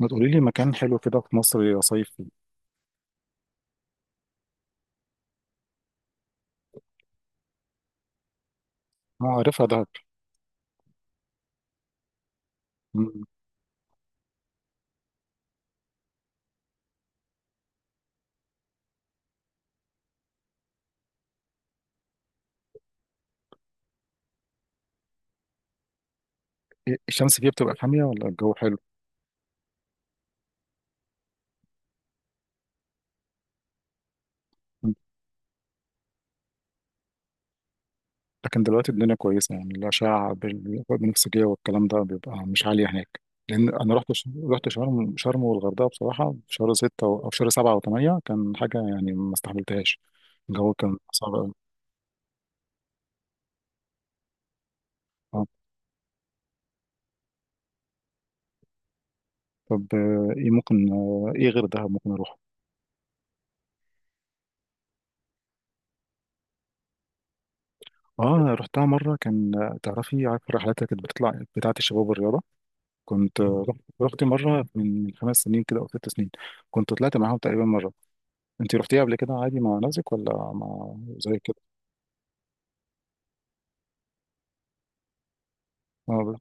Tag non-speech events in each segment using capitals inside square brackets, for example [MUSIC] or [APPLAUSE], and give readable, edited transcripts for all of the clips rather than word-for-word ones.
ما تقولي لي مكان حلو كده في مصر يا صيف. ما عارفها دهب. مم. الشمس فيها بتبقى حامية ولا الجو حلو؟ مم. لكن دلوقتي الدنيا كويسة يعني الأشعة بالبنفسجية والكلام ده بيبقى مش عالية هناك، لأن أنا رحت رحت شرم والغردقة بصراحة في شهر ستة أو في شهر سبعة وثمانية، كان حاجة يعني ما استحملتهاش. الجو كان صعب أوي. آه. طب إيه ممكن، إيه غير دهب ممكن أروح؟ آه رحتها مرة، كان تعرفي عارفة الرحلات اللي كانت بتطلع بتاعة الشباب والرياضة، كنت رحت. رحت مرة من خمس سنين كده أو ست سنين، كنت طلعت معاهم تقريبا مرة. أنت رحتيها قبل كده عادي مع نفسك ولا مع زي كده؟ آه،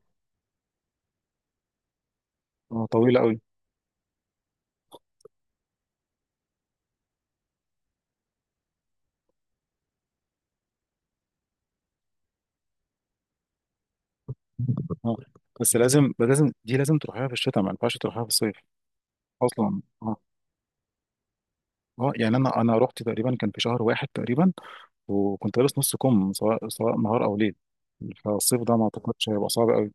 طويلة أوي. اه بس لازم، لازم دي لازم تروحيها في الشتاء، ما ينفعش تروحيها في الصيف. اصلا اه. اه يعني انا رحت تقريبا كان في شهر واحد تقريبا، وكنت لابس نص كم سواء نهار او ليل، فالصيف ده ما اعتقدش هيبقى صعب قوي.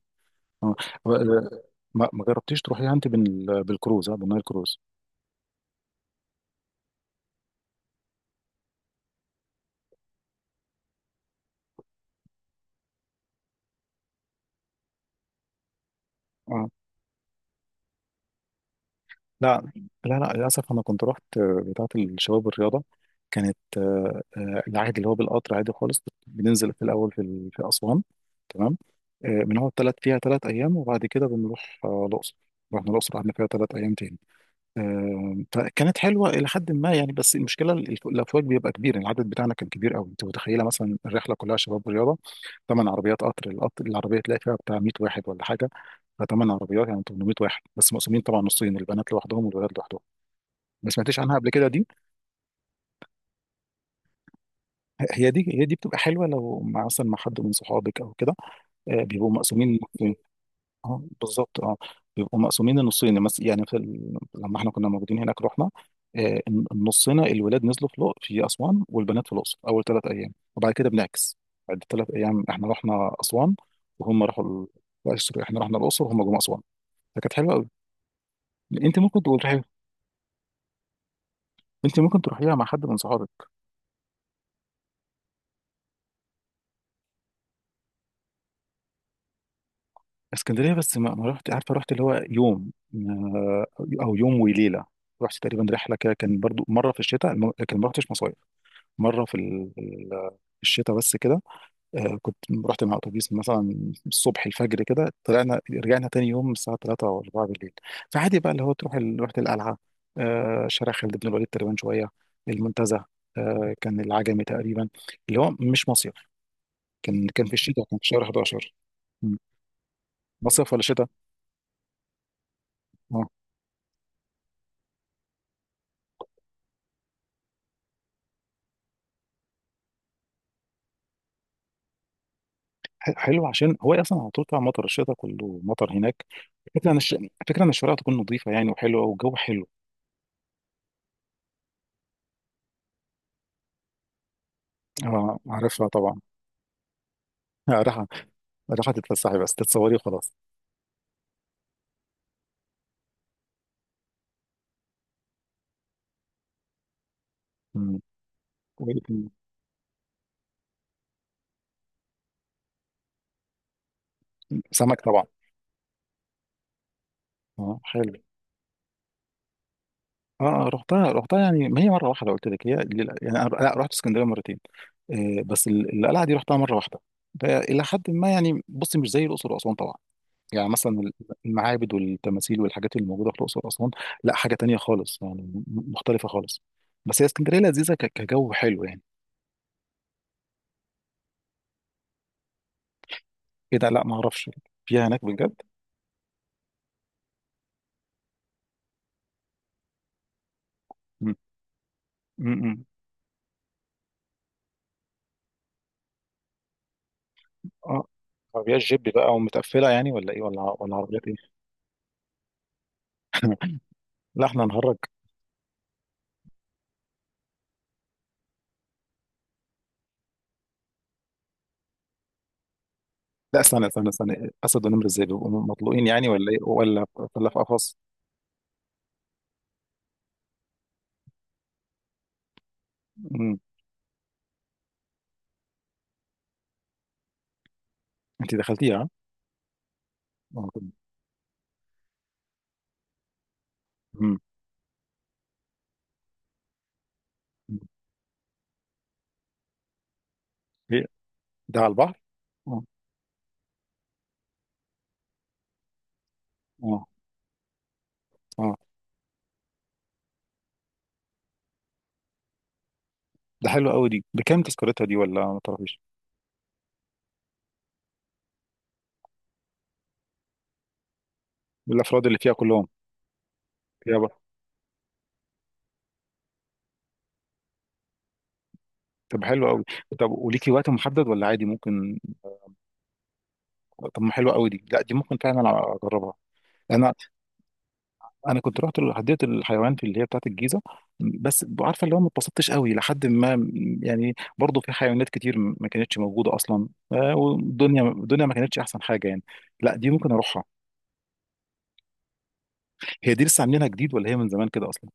اه. ب- ما جربتيش تروحيها انت بالكروز، اه بالنايل كروز؟ اه. لا. لا لا، للأسف أنا كنت رحت، بتاعة الشباب الرياضة. كانت العادي اللي هو بالقطر عادي خالص، بننزل في الأول في أسوان. تمام. بنقعد تلات أيام وبعد كده بنروح الأقصر. رحنا الأقصر قعدنا فيها تلات أيام تاني. فكانت حلوة إلى حد ما يعني، بس المشكلة الأفواج بيبقى كبير، يعني العدد بتاعنا كان كبير قوي. أنت متخيلة مثلا الرحلة كلها شباب رياضة، ثمان عربيات قطر، القطر العربية تلاقي فيها بتاع 100 واحد ولا حاجة. ثمان عربيات يعني 800 واحد، بس مقسومين طبعا نصين، البنات لوحدهم والولاد لوحدهم. ما سمعتش عنها قبل كده دي. هي دي بتبقى حلوه لو مع مثلا مع حد من صحابك او كده، بيبقوا مقسومين نصين. اه بالظبط اه. بيبقوا مقسومين النصين، يعني لما احنا كنا موجودين هناك رحنا، النصنا الولاد نزلوا في اسوان والبنات في الاقصر اول ثلاث ايام، وبعد كده بنعكس. بعد ثلاث ايام احنا رحنا اسوان وهم راحوا لا، سوري، احنا رحنا الاقصر وهم جم اسوان. فكانت حلوه قوي. انت ممكن تقول، انت ممكن تروحيها مع حد من صحابك. اسكندريه، بس ما، رحت عارفه، رحت اللي هو يوم، او يوم وليله. رحت تقريبا رحله كده كان برضو مره في الشتاء، لكن ما رحتش مصايف، مره الشتاء بس كده. كنت رحت مع اتوبيس مثلا الصبح الفجر كده، طلعنا رجعنا تاني يوم الساعه 3 او 4 بالليل. فعادي بقى اللي هو تروح رحت القلعه، شارع خالد بن الوليد تقريبا شويه، المنتزه، كان العجمي تقريبا، اللي هو مش مصيف، كان في الشتاء، كان في شهر 11. مم. مصيف ولا شتاء؟ آه. حلو عشان هو اصلا على طول بتاع مطر الشتاء كله مطر هناك. فكرة فكرة ان الشوارع تكون نظيفة يعني، وحلوة والجو حلو. اه عارفها طبعا. [LAUGHS] راحة، راحة تتفسحي بس تتصوري وخلاص. مم. ولكن. سمك طبعا. اه حلو. اه رحتها، رحتها يعني، ما هي مرة واحدة قلت لك، هي يعني انا لا، رحت اسكندرية مرتين، آه بس القلعة دي رحتها مرة واحدة، فإلى حد ما يعني، بصي مش زي الأقصر وأسوان طبعا، يعني مثلا المعابد والتماثيل والحاجات اللي موجوده في الاقصر واسوان، لا حاجه تانية خالص يعني، مختلفه خالص. بس هي اسكندريه لذيذه كجو حلو يعني. ايه ده؟ لا ما اعرفش. فيها هناك بجد؟ م- م. اه، عربيات جيب بقى ومتقفله يعني ولا ايه ولا عربيات ايه؟ [LAUGHS] لا احنا نهرج. لا، استنى استنى استنى، اسد ونمر ازاي بيبقوا مطلوقين يعني ولا ايه، ولا ولا في قفص؟ م. انت دخلتيها ها؟ آه. م. م. ايه، ده على البحر؟ اه. اه. ده حلو قوي، دي بكام تذكرتها دي ولا ما تعرفيش؟ بالافراد اللي فيها كلهم فيها بقى؟ طب حلو قوي. طب وليكي وقت محدد ولا عادي ممكن؟ طب ما حلو قوي، دي لا دي ممكن فعلا اجربها. انا، كنت رحت حديقه الحيوان في اللي هي بتاعه الجيزه، بس عارفه اللي هو ما اتبسطتش قوي، لحد ما يعني، برضه في حيوانات كتير ما كانتش موجوده اصلا، والدنيا ما كانتش احسن حاجه يعني. لا دي ممكن اروحها. هي دي لسه عاملينها جديد ولا هي من زمان كده اصلا؟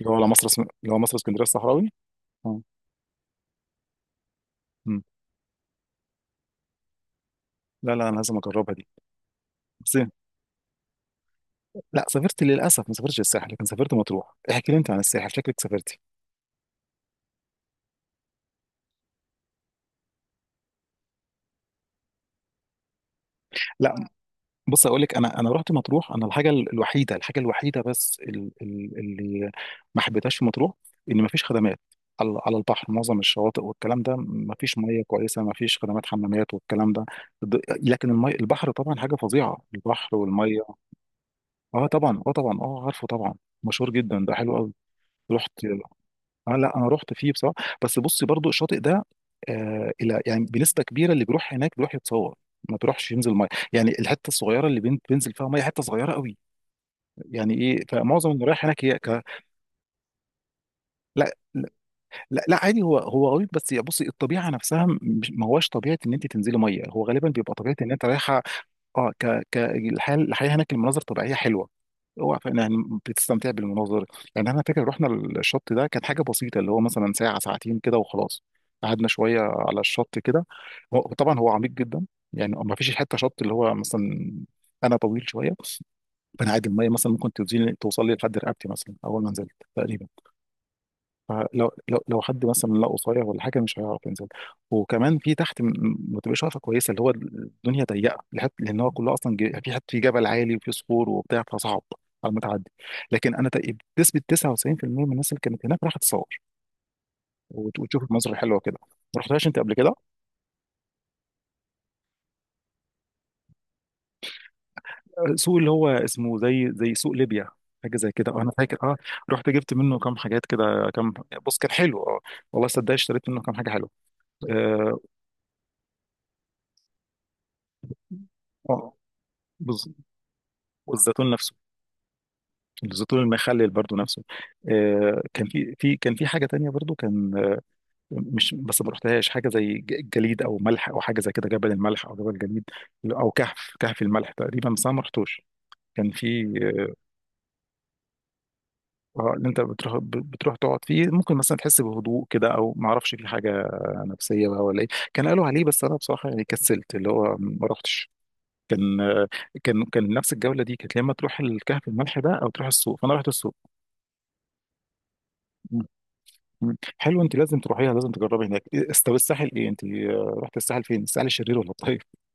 اللي هو على مصر اللي هو مصر اسكندريه الصحراوي. اه. أمم. لا لا، انا لازم اجربها دي. بس. لا سافرت، للاسف ما سافرتش الساحل، لكن سافرت مطروح. احكي لي انت عن الساحل، شكلك سافرتي. لا، بص اقول لك، انا رحت مطروح. انا الحاجه الوحيده، الحاجه الوحيده بس اللي ما حبيتهاش في مطروح، ان ما فيش خدمات، على على البحر معظم الشواطئ والكلام ده ما فيش ميه كويسه، ما فيش خدمات حمامات والكلام ده. لكن المي، البحر طبعا حاجه فظيعه، البحر والميه. اه طبعا، اه طبعا، اه عارفه طبعا، مشهور جدا ده حلو قوي. رحت. اه لا، انا رحت فيه بصراحه، بس بصي، برضو الشاطئ ده آه، الى يعني بنسبه كبيره اللي بيروح هناك بيروح يتصور، ما بيروحش ينزل ميه. يعني الحته الصغيره اللي بينزل فيها ميه حته صغيره قوي، يعني ايه، فمعظم اللي رايح هناك هي لا. لا لا عادي، هو هو غريب بس، يا بصي الطبيعه نفسها مش، ما هواش طبيعه ان انت تنزلي ميه، هو غالبا بيبقى طبيعه ان انت رايحه. اه، ك ك الحياه هناك المناظر طبيعيه حلوه، اوعى يعني بتستمتع بالمناظر. يعني انا فاكر رحنا الشط ده كانت حاجه بسيطه، اللي هو مثلا ساعه ساعتين كده وخلاص، قعدنا شويه على الشط كده. هو طبعا هو عميق جدا، يعني ما فيش حته شط اللي هو مثلا، انا طويل شويه، فانا عادي الميه مثلا ممكن توصل لي لحد رقبتي مثلا اول ما نزلت تقريبا. فلو لو لو حد مثلا لا قصير ولا حاجه مش هيعرف ينزل. وكمان في تحت ما تبقاش عارفه كويسه، اللي هو الدنيا ضيقه لحد، لان هو كله اصلا في حد في جبل عالي وفي صخور وبتاع، فصعب على المتعدي. لكن انا بنسبه 99% من الناس اللي كانت هناك راحت تصور وتشوف المناظر الحلوه كده. ما رحتهاش انت قبل كده؟ سوق اللي هو اسمه زي، زي سوق ليبيا، حاجه زي كده، اه انا فاكر اه. رحت جبت منه كام حاجات كده، كام. بص كان حلو اه، والله صدق اشتريت منه كام حاجه حلوه. اه. آه، بص، والزيتون نفسه، الزيتون المخلل برضو نفسه. كان في حاجه تانية برضو، كان آه، مش بس ما رحتهاش، حاجه زي جليد او ملح، او حاجه زي كده، جبل الملح او جبل الجليد، او كهف الملح تقريبا، بس انا ما رحتوش. كان في. اه اللي انت بتروح بتروح تقعد فيه، ممكن مثلا تحس بهدوء كده، او ما اعرفش في حاجه نفسيه بقى ولا ايه؟ كان قالوا عليه، بس انا بصراحه يعني كسلت اللي هو ما رحتش. كان آه، كان نفس الجوله دي كانت، يا اما تروح الكهف الملح ده او تروح السوق، فانا رحت السوق. مم. حلو، انت لازم تروحيها، لازم تجربي هناك. طب الساحل ايه، انت رحت الساحل فين، الساحل الشرير ولا الطيب؟ [LAUGHS]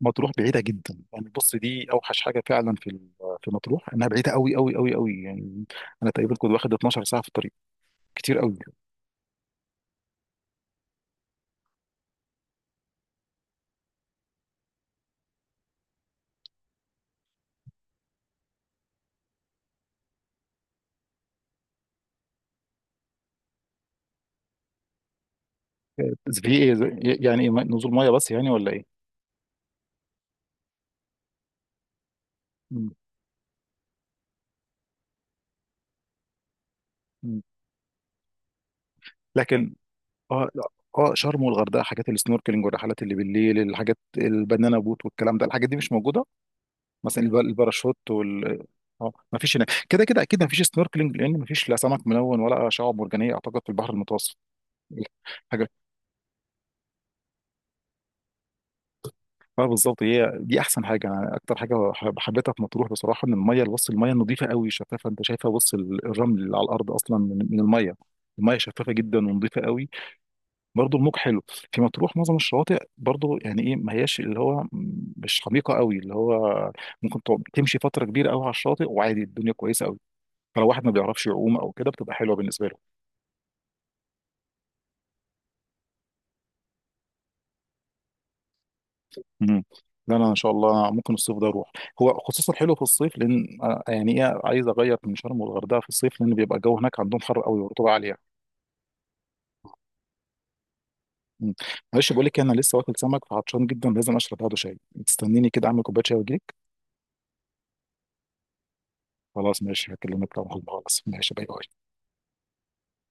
مطروح بعيده جدا يعني، بص دي اوحش حاجه فعلا في مطروح، انها بعيده قوي قوي قوي قوي يعني، انا تقريبا كنت واخد 12 ساعه في الطريق. كتير قوي. في ايه يعني ايه، نزول ميه بس يعني ولا ايه؟ مم. مم. لكن. اه لا، اه شرم والغردقه حاجات السنوركلينج والرحلات اللي بالليل، الحاجات البنانا بوت والكلام ده، الحاجات دي مش موجوده، مثلا الباراشوت وال. اه ما فيش هناك، كده كده اكيد ما فيش سنوركلينج، لان ما فيش لا سمك ملون ولا شعاب مرجانيه اعتقد في البحر المتوسط. [LAUGHS] حاجه. اه بالظبط، هي دي احسن حاجه، انا اكتر حاجه حبيتها في مطروح بصراحه، ان الميه، بص الميه نظيفه قوي، شفافه، انت شايفه بص الرمل اللي على الارض اصلا من الميه. الميه شفافه جدا ونظيفه قوي. برضو الموج حلو في مطروح. معظم الشواطئ برضو يعني ايه ما هياش اللي هو مش عميقه قوي، اللي هو تمشي فتره كبيره قوي على الشاطئ، وعادي الدنيا كويسه قوي، فلو واحد ما بيعرفش يعوم او كده بتبقى حلوه بالنسبه له. امم. لا انا ان شاء الله ممكن الصيف ده اروح، هو خصوصا حلو في الصيف، لان يعني ايه، عايز اغير من شرم والغردقه في الصيف، لان بيبقى الجو هناك عندهم حر قوي ورطوبه عاليه. مم. معلش بقول لك انا لسه واكل سمك فعطشان جدا، لازم اشرب بعده شاي. تستنيني كده اعمل كوبايه شاي واجيلك؟ خلاص ماشي، هكلمك طبعا، خلاص ماشي، باي باي.